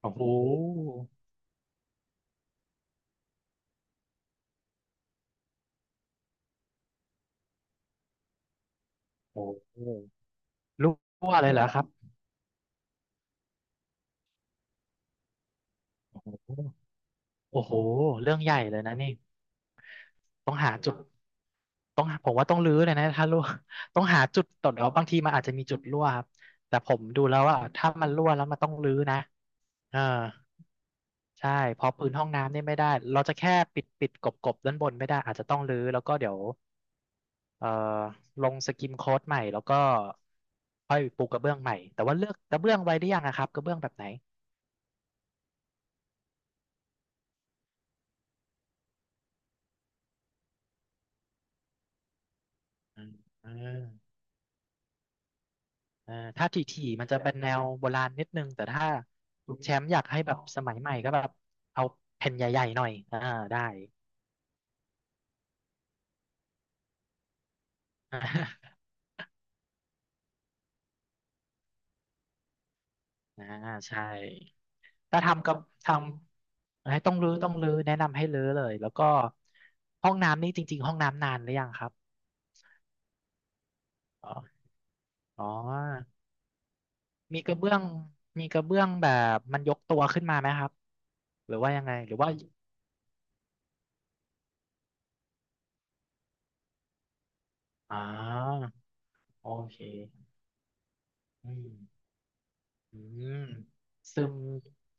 โอ้โหโอ้โหรั่วเลยเหรอครับโอ้โหโอ้โหเรื่องใหญ่เลยนะนี่ต้องหาจุดต้องหาผมว่าต้องรื้อเลยนะถ้ารั่ว ต้องหาจุดตดเอาบางทีมันอาจจะมีจุดรั่วครับแต่ผมดูแล้วว่าถ้ามันรั่วแล้วมันต้องรื้อนะเออใช่พอพื้นห้องน้ำนี่ไม่ได้เราจะแค่ปิดปิดกบกบด้านบนไม่ได้อาจจะต้องรื้อแล้วก็เดี๋ยวเอ่อลงสกิมโค้ดใหม่แล้วก็ค่อยปูกระเบื้องใหม่ แต่ว่าเลือกกระเบื้องไว้หด้ยังอะครับกระเบื้องแบบไหน อ่าอ่าอาถ้าถี่ๆมันจะเป็นแนวโบราณนิดนึงแต่ถ้าคุณแชมป์อยากให้แบบสมัยใหม่ก็แบบเอาแผ่นใหญ่ๆหน่อยอ่าได้ อ่าใช่ถ้าทำกับทำให้ต้องรื้อต้องรื้อแนะนำให้รื้อเลยแล้วก็ห้องน้ำนี่จริงๆห้องน้ำนานหรือยังครับอ๋ออ๋อ มีกระเบื้องมีกระเบื้องแบบมันยกตัวขึ้นมาไหมครับหรือว่ายังไงหรือว่าอ๋อโอเคอืม อืมซึม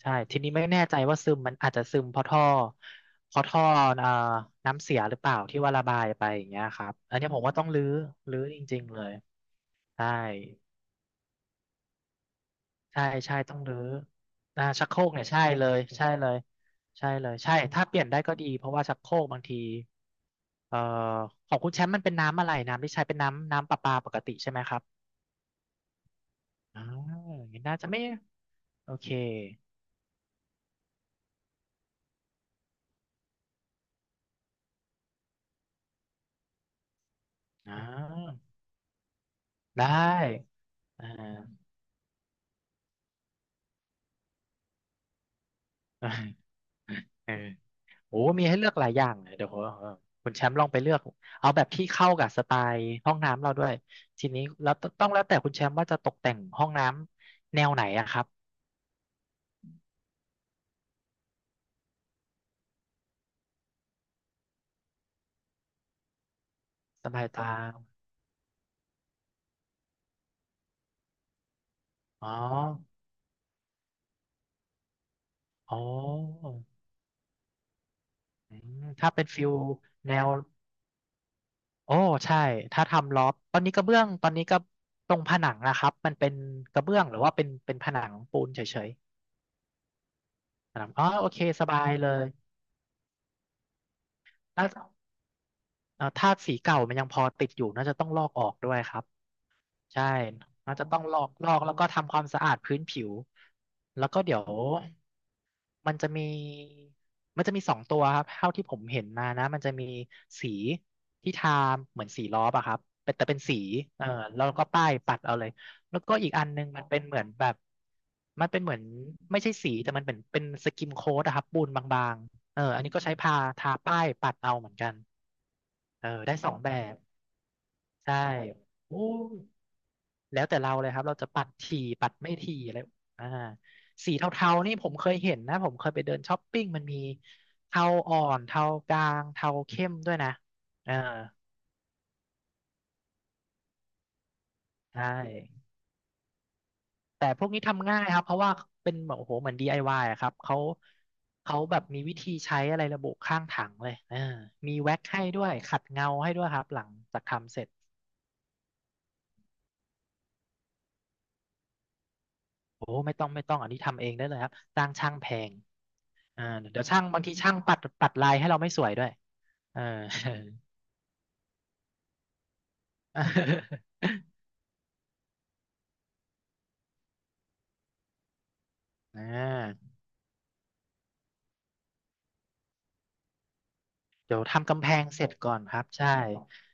ใช่ทีนี้ไม่แน่ใจว่าซึมมันอาจจะซึมเพราะท่อเพราะท่อเอ่อน้ำเสียหรือเปล่าที่ว่าระบายไปอย่างเงี้ยครับอันนี้ผมว่าต้องรื้อรื้อจริงๆเลยใช่ใช่ใช่ต้องรื้ออ่าชักโครกเนี่ยใช่เลยใช่เลยใช่เลยใช่ถ้าเปลี่ยนได้ก็ดีเพราะว่าชักโครกบางทีเอ่อของคุณแชมป์มันเป็นน้ำอะไรน้ำที่ใช้เป็นน้ำน้ำประปาปกติใช่ไหมครับอ่าอย่างนี้น่าจะไม่โอเคอ่าได้อ่า อ่าเออโอ้มีให้เลือกหลายอย่างเลยเดี๋ยวผมคุณแชมป์ลองไปเลือกเอาแบบที่เข้ากับสไตล์ห้องน้ำเราด้วยทีนี้แล้วตต้องแล้วแต่คุณแชมป์ว่าจะตกแต่งห้องน้ำแนวไหนอะครับสบายตาอ๋ออ๋ออืมถ้าเป็นฟิลแนวโอ้ใช่ถ้าทำลอฟตอนนี้กระเบื้องตอนนี้ก็ตรงผนังนะครับมันเป็นกระเบื้องหรือว่าเป็นเป็นผนังปูนเฉยๆผนังอ๋อโอเคสบายเลยแล้ว ธาตุสีเก่ามันยังพอติดอยู่น่าจะต้องลอกออกด้วยครับใช่น่าจะต้องลอกลอกแล้วก็ทำความสะอาดพื้นผิวแล้วก็เดี๋ยวมันจะมีมันจะมีสองตัวครับเท่าที่ผมเห็นมานะมันจะมีสีที่ทาเหมือนสีล้อปะครับเป็นแต่เป็นสีเออแล้วก็ป้ายปัดเอาเลย แล้วก็อีกอันนึงมันเป็นเหมือนแบบมันเป็นเหมือนไม่ใช่สีแต่มันเป็นเป็นสกิมโค้ดอะครับปูนบางๆเอออันนี้ก็ใช้พาทาป้ายปัดเอาเหมือนกันเออได้สองแบบ ใช่โอ้ยแล้วแต่เราเลยครับ เราจะปัดถี่ปัดไม่ถี่อะไรอ่าสีเทาๆนี่ผมเคยเห็นนะ ผมเคยไปเดินช้อปปิ้งมันมีเทาอ่อนเทากลางเทาเข้มด้วยนะเออใช่แต่พวกนี้ทำง่ายครับ เพราะว่าเป็นแบบโอ้โหเหมือน DIY อวายอะครับ เขาเขาแบบมีวิธีใช้อะไรระบุข้างถังเลยเออมีแว็กให้ด้วยขัดเงาให้ด้วยครับหลังจากทำเสร็จ โอ้ไม่ต้องไม่ต้องอันนี้ทำเองได้เลยครับจ้างช่างแพงอ่าเดี๋ยวช่างบางทีช่างปัดปัดลายให้เราไม่สวยด้วยเออ อ่าเดี๋ยวทำกำแพงเสร็จก่อนครับใช่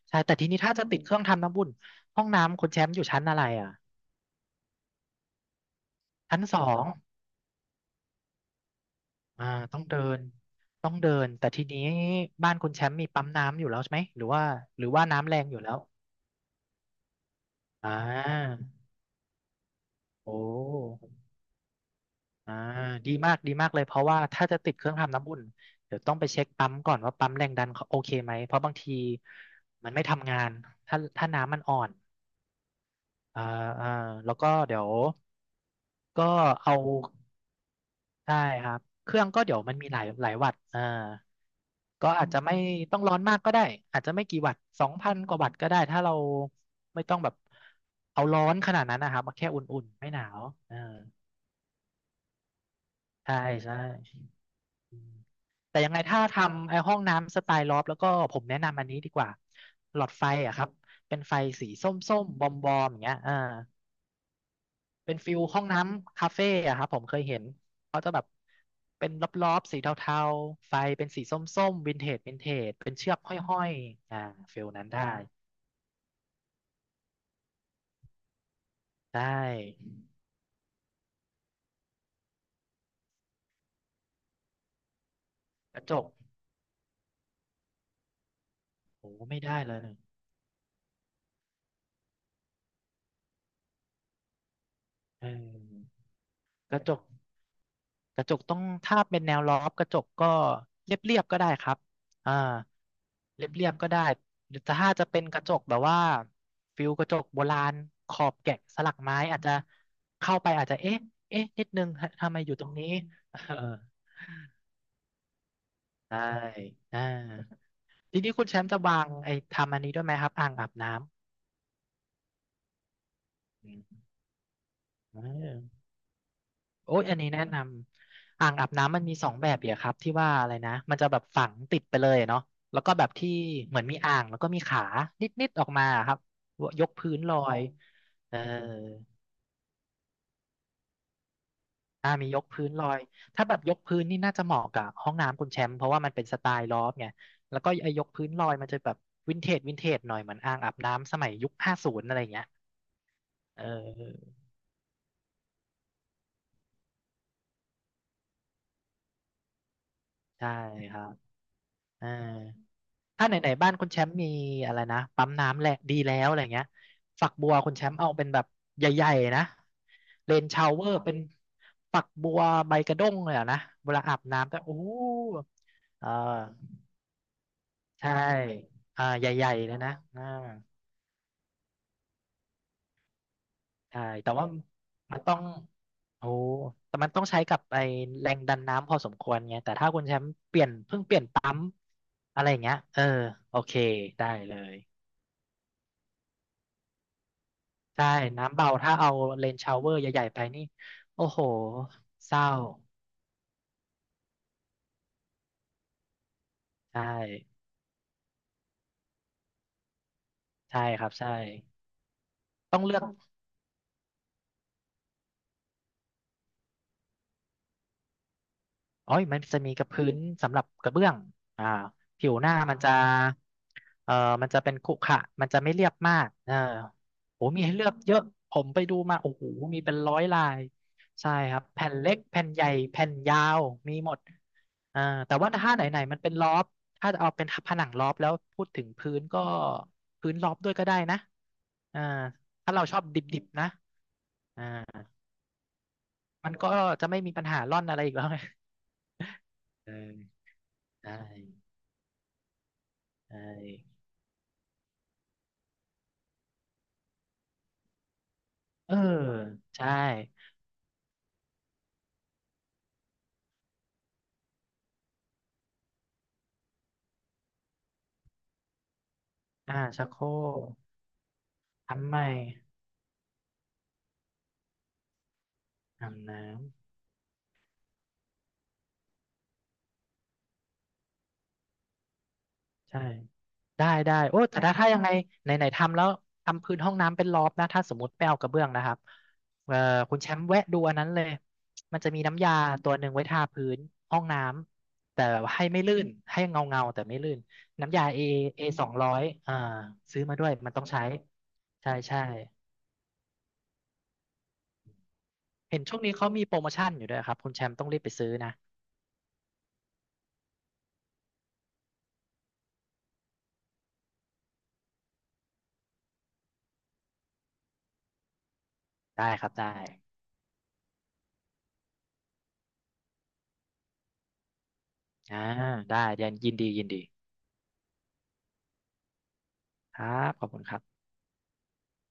ใช่แต่ทีนี้ถ้าจะติดเครื่องทำน้ำบุ่นห้องน้ำคุณแชมป์อยู่ชั้นอะไรอ่ะชั้นสองอ่าต้องเดินต้องเดินแต่ทีนี้บ้านคุณแชมป์มีปั๊มน้ำอยู่แล้วใช่ไหมหรือว่าหรือว่าน้ำแรงอยู่แล้วอ่าโอ้ อ่าดีมากดีมากเลยเพราะว่าถ้าจะติดเครื่องทำน้ำอุ่นเดี๋ยวต้องไปเช็คปั๊มก่อนว่าปั๊มแรงดันเขาโอเคไหมเพราะบางทีมันไม่ทำงานถ้าถ้าน้ำมันอ่อนอ่าอ่าแล้วก็เดี๋ยวก็เอาได้ครับเครื่องก็เดี๋ยวมันมีหลายหลายวัตต์อ่าก็อาจจะไม่ต้องร้อนมากก็ได้อาจจะไม่กี่วัตต์2000 กว่าวัตต์ก็ได้ถ้าเราไม่ต้องแบบเอาร้อนขนาดนั้นนะครับแค่อุ่นๆไม่หนาวอ่าใช่ใช่ แต่ยังไงถ้าทำไอ้ห้องน้ำสไตล์ลอฟแล้วก็ผมแนะนำอันนี้ดีกว่าหลอดไฟอะครับเป็นไฟสีส้มๆบอมๆอย่างเงี้ยเป็นฟิลห้องน้ำคาเฟ่อะครับผมเคยเห็นเขาจะแบบเป็นรอบๆสีเทาๆไฟเป็นสีส้มๆวินเทจวินเทจเป็นเชือกห้อยๆฟิลนั้นได้ได้กระจกโอ้ไม่ได้เลยเออกระจก กระจกต้องถ้าเป็นแนวรอบกระจกก็เรียบๆก็ได้ครับอ่าเรียบๆก็ได้หรือถ้าจะเป็นกระจกแบบว่าฟิลกระจกโบราณขอบแกะสลักไม้อาจจะเข้าไปอาจจะเอ๊ะนิดนึงฮะทำไมอยู่ตรงนี้เอใอ่าทีนี้คุณแชมป์จะวางไอ้ทำอันนี้ด้วยไหมครับอ่างอาบน้ำอืม โอ้ยอันนี้แนะนำอ่างอาบน้ำมันมีสองแบบเดียวครับที่ว่าอะไรนะมันจะแบบฝังติดไปเลยเนาะแล้วก็แบบที่เหมือนมีอ่างแล้วก็มีขานิดๆออกมาครับยกพื้นลอยเออมียกพื้นลอยถ้าแบบยกพื้นนี่น่าจะเหมาะกับห้องน้ำคุณแชมป์เพราะว่ามันเป็นสไตล์ลอฟไงแล้วก็ไอ้ยกพื้นลอยมันจะแบบวินเทจวินเทจหน่อยเหมือนอ่างอาบน้ำสมัยยุค50อะไรอย่างเงี้ยเออใช่ครับอ่า ถ้าไหนๆบ้านคุณแชมป์มีอะไรนะปั๊มน้ำแหละดีแล้วอะไรเงี้ยฝักบัวคุณแชมป์เอาเป็นแบบใหญ่ๆนะเรนชาวเวอร์เป็นฝักบัวใบกระด้งเลยอะนะเวลาอาบน้ำก็โอ้โหเออใช่ใหญ่ๆเลยนะใช่แต่ว่ามันต้องโอ้แต่มันต้องใช้กับไอแรงดันน้ำพอสมควรไงแต่ถ้าคุณแชมป์เปลี่ยนเพิ่งเปลี่ยนปั๊มอะไรอย่างเงี้ยเออโอเคได้เลย ใช่ น้ำเบา ถ้าเอาเรนชาวเวอร์ใหญ่ๆไปนี่ โอ้โหเศร้า ใช่ ใช่ครับ ใช่ ต้องเลือก อ๋อยมันจะมีกับพื้นสำหรับกระเบื้องอ่าผิวหน้ามันจะเอ่อมันจะเป็นขรุขระมันจะไม่เรียบมากเออโหมีให้เลือกเยอะ ผมไปดูมา โอ้โหมีเป็นร้อยลายใช่ครับแผ่นเล็กแผ่นใหญ่แผ่นยาวมีหมดอ่าแต่ว่าถ้าไหนไหนมันเป็นลอบถ้าจะเอาเป็นผนังลอบแล้วพูดถึงพื้นก็พื้นลอบด้วยก็ได้นะอ่าถ้าเราชอบดิบๆนะอ่ามันก็จะไม่มีปัญหาร่อนอะไรอีกแล้วไงเออได้ ใช่เออใช่ชักโครกทำใหม่อาบน้ำใช่ได้ได้โอ้แต่ถ้าถ้ายังไงไหนไหนทำแล้วทำพื้นห้องน้ำเป็นรอบนะถ้าสมมติไม่เอากระเบื้องนะครับเออคุณแชมป์แวะดูอันนั้นเลยมันจะมีน้ำยาตัวหนึ่งไว้ทาพื้นห้องน้ำแต่ให้ไม่ลื่นให้เงาเงาแต่ไม่ลื่นน้ำยาA200ซื้อมาด้วยมันต้องใช้ใช่ใช่เห็นช่วงนี้เขามีโปรโมชั่นอยู่ด้วยครับคุณแชมป์ต้องรีบไปซื้อนะได้ครับได้ อ่าได้ยันยินดียินดีครับขอบคุณครับ